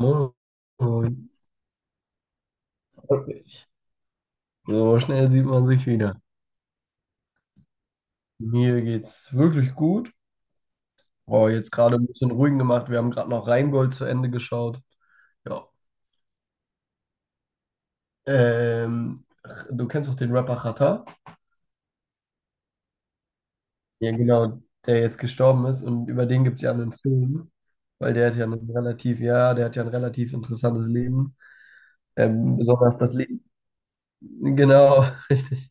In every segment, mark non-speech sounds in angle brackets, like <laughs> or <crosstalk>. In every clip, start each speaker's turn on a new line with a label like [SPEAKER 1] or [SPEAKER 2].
[SPEAKER 1] Moin, moin. Freut mich. So schnell sieht man sich wieder. Mir geht's wirklich gut. Oh, jetzt gerade ein bisschen ruhig gemacht. Wir haben gerade noch Rheingold zu Ende geschaut. Ja. Ähm, Du kennst doch den Rapper Xatar? Ja, genau, der jetzt gestorben ist, und über den gibt es ja einen Film, weil der hat ja ein relativ, ja, der hat ja ein relativ interessantes Leben. Besonders das Leben. Genau, <laughs> richtig.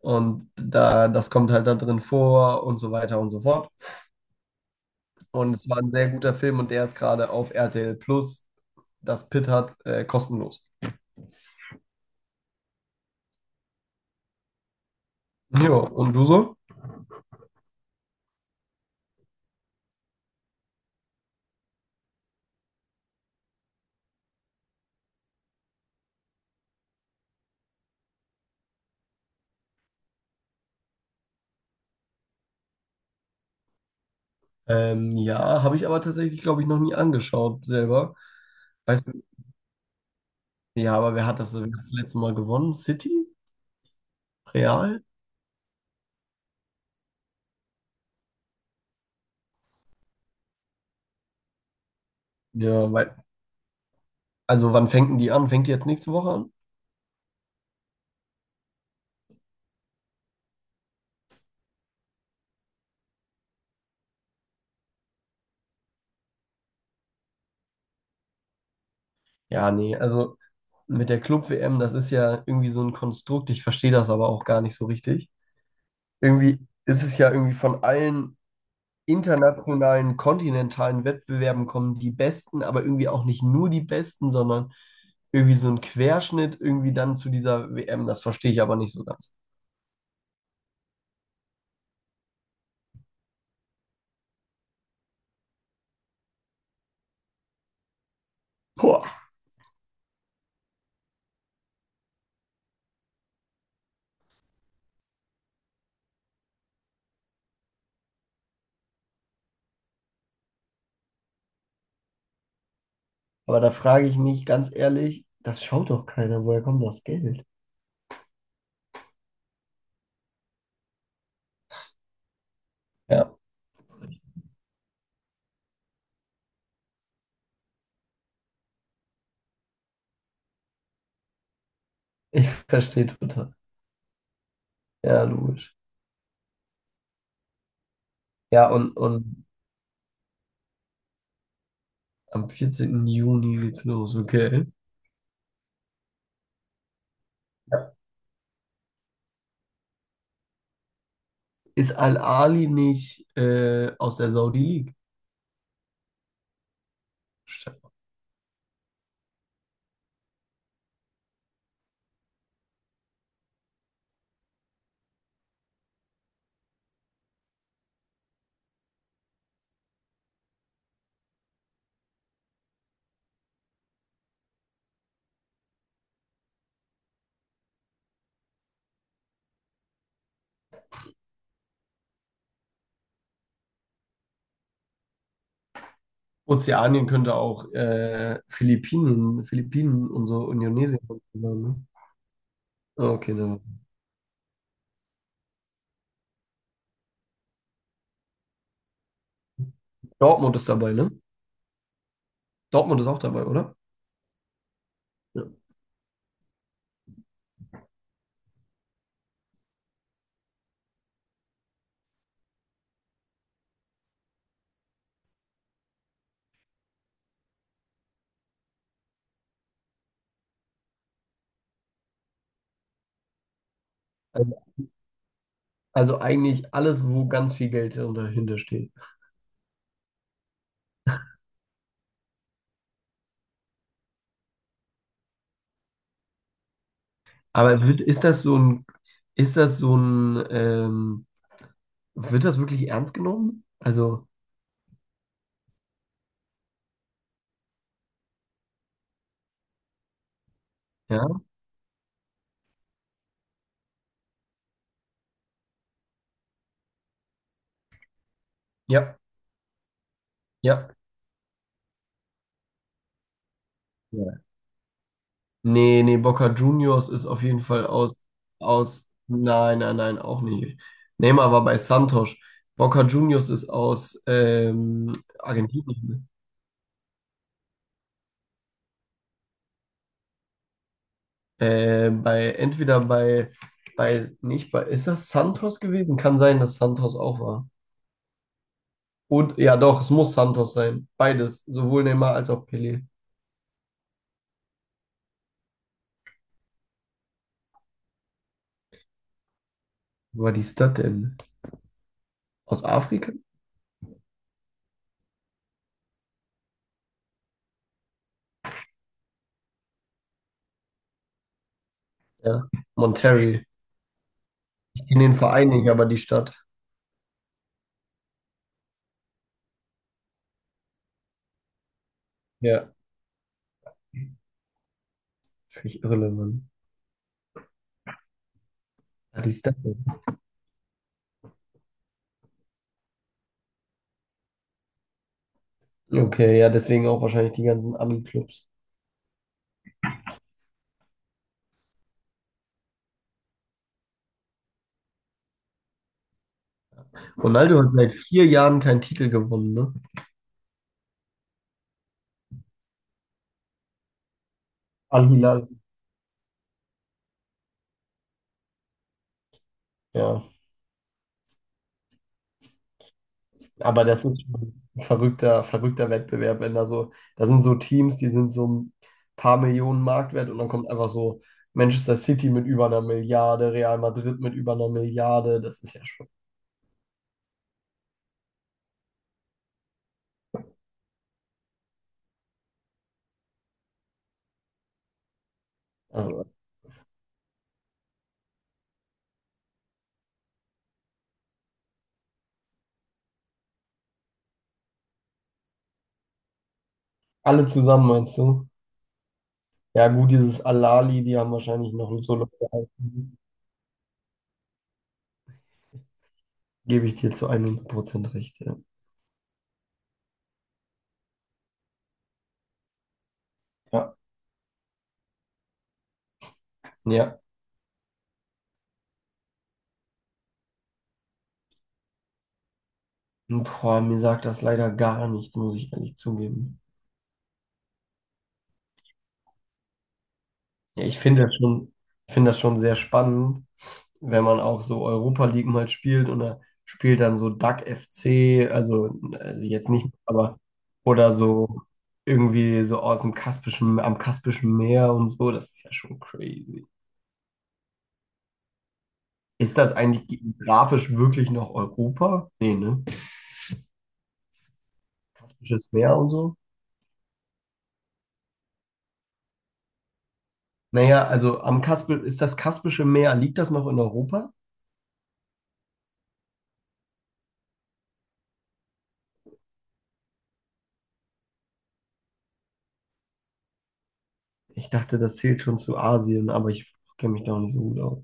[SPEAKER 1] Und da, das kommt halt da drin vor und so weiter und so fort. Und es war ein sehr guter Film, und der ist gerade auf RTL Plus, das Pit hat, kostenlos. Ja, und du so? Ja, habe ich aber tatsächlich, glaube ich, noch nie angeschaut selber. Weißt du, ja, aber wer hat das letzte Mal gewonnen? City? Real? Ja, weil, also wann fängt denn die an? Fängt die jetzt nächste Woche an? Ja, nee, also mit der Club-WM, das ist ja irgendwie so ein Konstrukt, ich verstehe das aber auch gar nicht so richtig. Irgendwie ist es ja irgendwie von allen internationalen, kontinentalen Wettbewerben, kommen die Besten, aber irgendwie auch nicht nur die Besten, sondern irgendwie so ein Querschnitt irgendwie dann zu dieser WM. Das verstehe ich aber nicht so ganz. Boah, aber da frage ich mich ganz ehrlich, das schaut doch keiner, woher kommt das Geld? Ja, ich verstehe total. Ja, logisch. Ja, und am 14. Juni geht's los, okay. Ja. Ist Al-Ali nicht aus der Saudi League? Ozeanien könnte auch Philippinen, Philippinen und so Indonesien sein, ne? Ah, okay, ne. Dortmund ist dabei, ne? Dortmund ist auch dabei, oder? Ja. Also, also eigentlich alles, wo ganz viel Geld dahinter steht. Ist das so ein, ist das so ein, wird das wirklich ernst genommen? Also, ja, ja, ja. Nee, nee, Boca Juniors ist auf jeden Fall aus, aus, nein, nein, nein, auch nicht. Neymar war bei Santos. Boca Juniors ist aus Argentinien. Bei, entweder bei, bei, nicht bei, ist das Santos gewesen? Kann sein, dass Santos auch war. Und, ja doch, es muss Santos sein. Beides, sowohl Neymar als auch Pelé. Wo war die Stadt denn? Aus Afrika? Ja, Monterrey. Ich kenne den Verein nicht, aber die Stadt. Ja, völlig irrelevant. Ja, die Stadt. Okay, ja, deswegen auch wahrscheinlich die ganzen Ami-Clubs. Ronaldo hat seit vier Jahren keinen Titel gewonnen, ne? Al-Hilal. Ja, aber das ist schon ein verrückter, verrückter Wettbewerb, wenn da so, da sind so Teams, die sind so ein paar Millionen Marktwert und dann kommt einfach so Manchester City mit über einer Milliarde, Real Madrid mit über einer Milliarde, das ist ja schon, also alle zusammen, meinst du? Ja, gut, dieses Al-Ahly, die haben wahrscheinlich noch so Leute, gebe ich dir zu 100% recht, ja. Ja, ja. Boah, mir sagt das leider gar nichts, muss ich ehrlich zugeben. Ja, ich finde das schon, ich finde das schon sehr spannend, wenn man auch so Europa League mal spielt und da spielt dann so DAC FC, also jetzt nicht, aber oder so irgendwie so aus dem Kaspischen, am Kaspischen Meer und so, das ist ja schon crazy. Ist das eigentlich geografisch wirklich noch Europa? Nee, ne? Kaspisches Meer und so. Naja, also am Kaspi ist das Kaspische Meer, liegt das noch in Europa? Ich dachte, das zählt schon zu Asien, aber ich kenne mich da auch nicht so gut aus.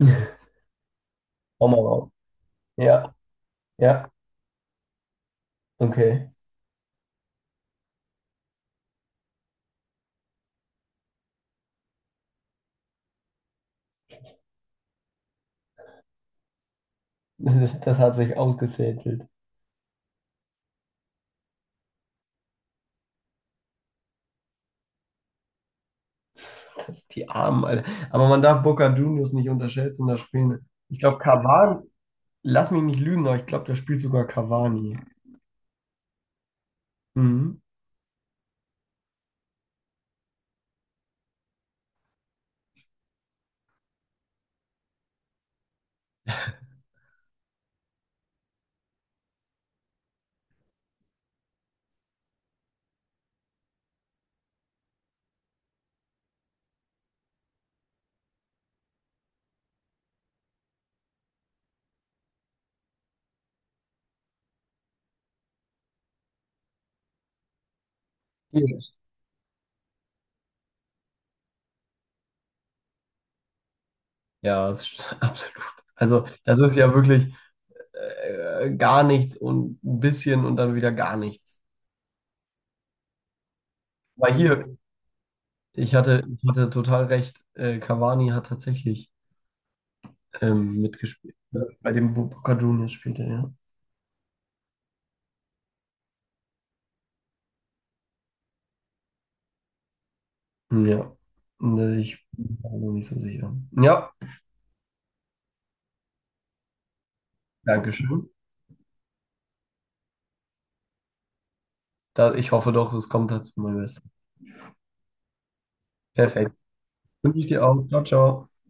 [SPEAKER 1] <laughs> Hau mal raus. Ja, ja, okay. <laughs> Das hat sich ausgesätelt. Das, die Armen, Alter. Aber man darf Boca Juniors nicht unterschätzen, das Spiel. Ich glaube, Cavani, lass mich nicht lügen, aber ich glaube, da spielt sogar Cavani. Mhm. Yes. Ja, das ist <laughs> absolut. Also, das ist ja wirklich gar nichts und ein bisschen und dann wieder gar nichts. Weil hier, ich hatte total recht, Cavani hat tatsächlich mitgespielt. Also bei dem Boca Juniors spielt er, ja. Ja, ne, ich bin mir noch nicht so sicher. Ja, danke schön. Da, ich hoffe doch, es kommt dazu mein Bestes. Perfekt. Wünsche ich dir auch. Ciao, ciao.